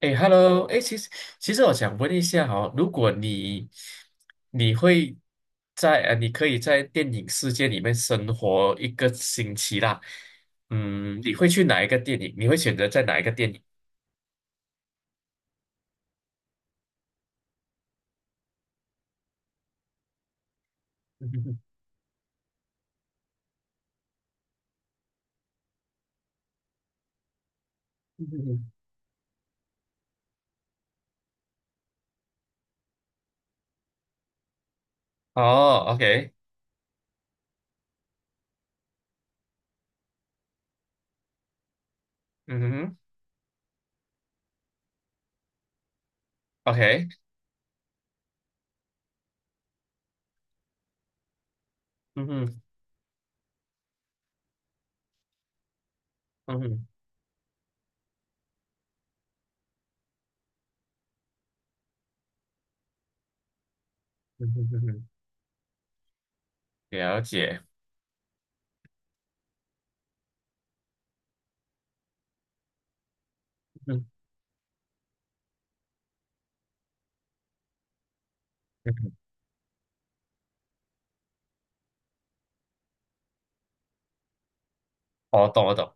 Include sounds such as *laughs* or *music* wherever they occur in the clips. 哎，Hello，哎，其实我想问一下哈、如果你会在你可以在电影世界里面生活一个星期啦，嗯，你会去哪一个电影？你会选择在哪一个电影？*laughs* 嗯哼哼。嗯哼哼。哦，OK。嗯哼。OK。嗯哼，嗯哼，嗯哼，嗯哼，了解。嗯哼，嗯哼，我懂，我懂。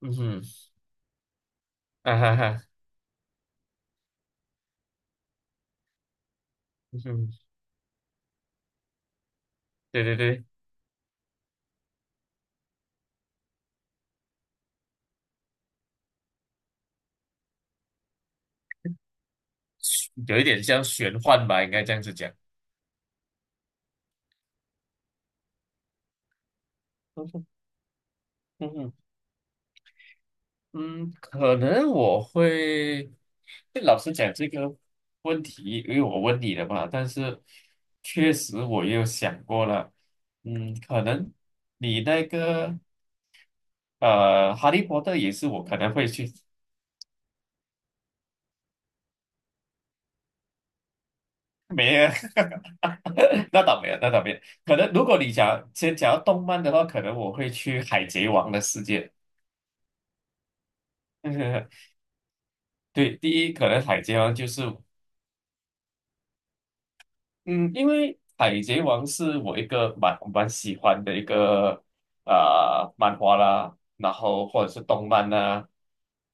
嗯哼。啊哈哈。嗯哼。对对对，有一点像玄幻吧，应该这样子讲。嗯哼。嗯哼。嗯，可能我会，老实讲这个问题，因为我问你了嘛，但是确实我也有想过了。嗯，可能你那个哈利波特也是我可能会去。没有，*laughs* 那倒没有，那倒没有，可能如果你讲先讲到动漫的话，可能我会去海贼王的世界。*laughs* 对，第一可能海贼王就是。嗯，因为《海贼王》是我一个蛮喜欢的一个啊、漫画啦，然后或者是动漫啦，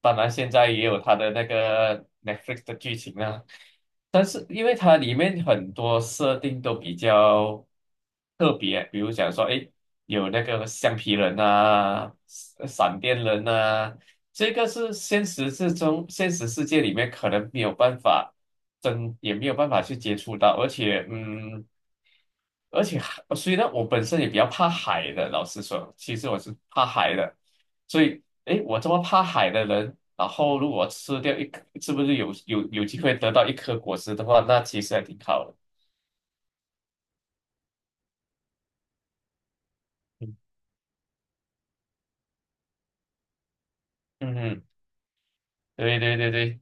当然现在也有它的那个 Netflix 的剧情啦。但是因为它里面很多设定都比较特别，比如讲说，哎，有那个橡皮人啊、闪闪电人啊，这个是现实之中，现实世界里面可能没有办法真，也没有办法去接触到，而且，嗯，而且海以呢，我本身也比较怕海的，老实说，其实我是怕海的。所以，诶，我这么怕海的人，然后如果吃掉一颗，是不是有机会得到一颗果实的话，那其实还挺好的。嗯。嗯，对对对对。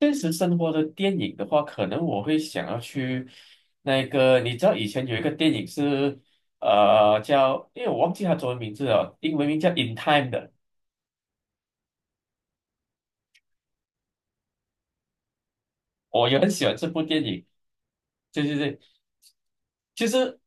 现实生活的电影的话，可能我会想要去那个，你知道以前有一个电影是叫，因为我忘记它中文名字了，英文名叫《In Time》的。我也很喜欢这部电影。对对对，就是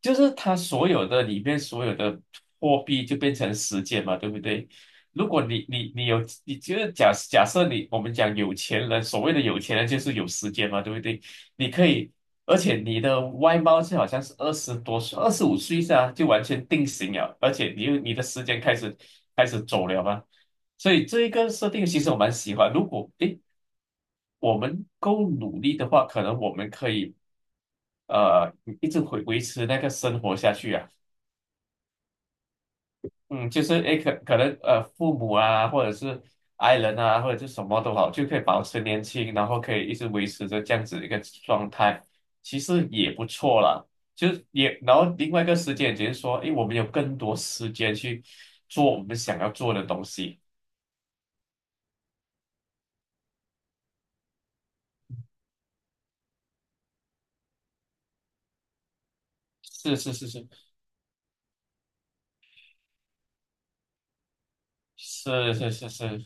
就是他所有的里面所有的货币就变成时间嘛，对不对？如果你有，你就是假设你我们讲有钱人，所谓的有钱人就是有时间嘛，对不对？你可以，而且你的外貌是好像是20多岁、25岁啊，就完全定型了，而且你又你的时间开始走了嘛。所以这一个设定其实我蛮喜欢。如果诶我们够努力的话，可能我们可以呃一直维持那个生活下去啊。嗯，就是诶，可能父母啊，或者是爱人啊，或者是什么都好，就可以保持年轻，然后可以一直维持着这样子一个状态，其实也不错啦。就是也，然后另外一个时间点就是说，诶，我们有更多时间去做我们想要做的东西。是是是是。是是是是。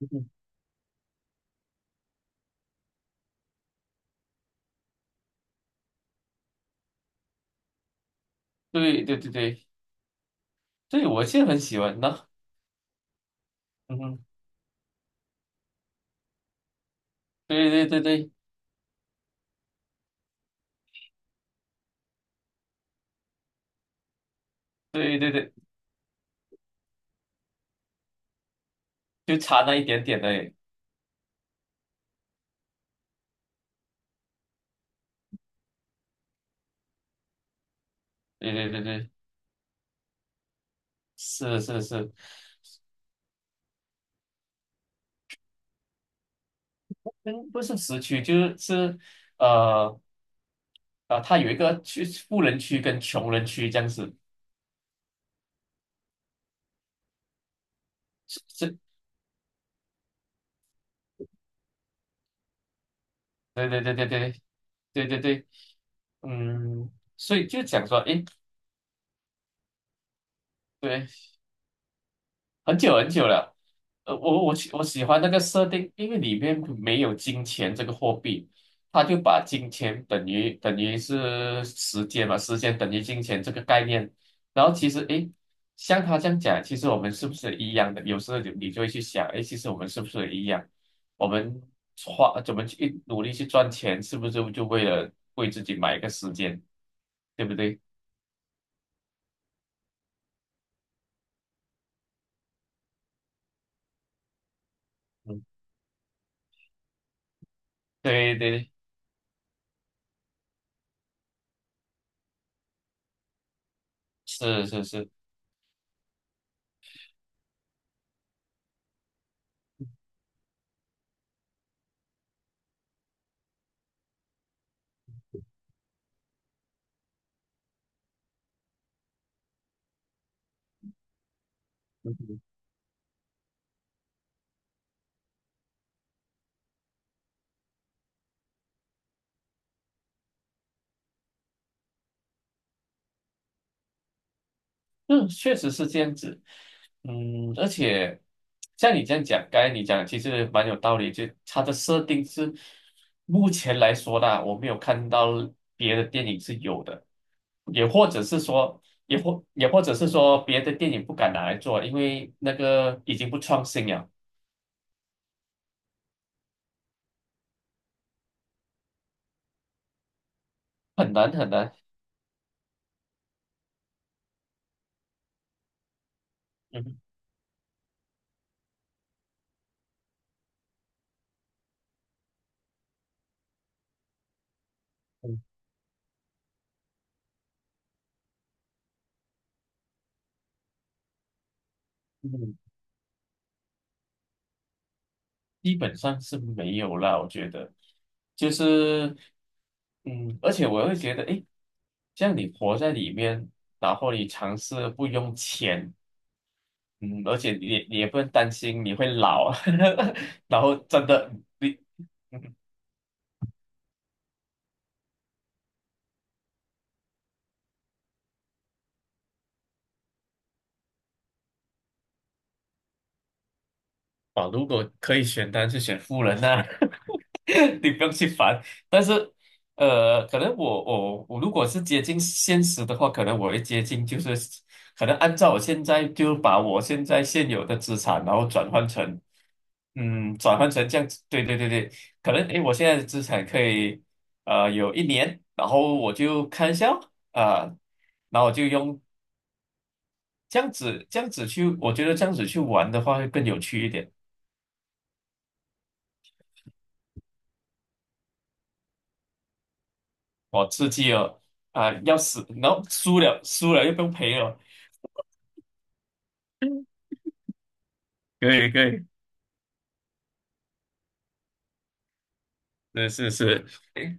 嗯，对对对对对，我现在很喜欢呢。嗯哼。对对对对对对对，就差那一点点而已。对对对对。是是是。嗯，不是市区，就是是，呃啊，它有一个区富人区跟穷人区这样子。是是。对对对对对对对对。嗯，所以就讲说，诶，对，很久很久了。我喜欢那个设定，因为里面没有金钱这个货币，它就把金钱等于是时间嘛，时间等于金钱这个概念。然后其实诶，像他这样讲，其实我们是不是一样的？有时候你就会去想，诶，其实我们是不是一样？我们花怎么去努力去赚钱，是不是就为了为自己买一个时间，对不对？嗯，对对，对。是是是。嗯，嗯确实是这样子。嗯，而且像你这样讲，刚才你讲其实蛮有道理，就它的设定是目前来说呢，我没有看到别的电影是有的，也或者是说，也或者是说别的电影不敢拿来做，因为那个已经不创新了。很难很难。嗯。嗯。嗯。基本上是没有啦，我觉得，就是，嗯，而且我会觉得，诶，这样你活在里面，然后你尝试不用钱。嗯，而且你也不用担心你会老，*laughs* 然后真的你。嗯，啊，如果可以选，单，是选富人呐、*laughs* *laughs* 你不用去烦。但是，呃，可能我如果是接近现实的话，可能我会接近，就是可能按照我现在就把我现在现有的资产，然后转换成，嗯，转换成这样子。对对对对，可能诶，我现在的资产可以，呃，有1年，然后我就看一下啊、然后我就用这样子去，我觉得这样子去玩的话会更有趣一点。我刺激哦。啊、要死，然后输了，输了又不用赔了。可以可以。是是是。诶，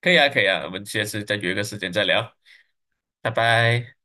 可以啊可以啊，我们下次再约个时间再聊。拜拜。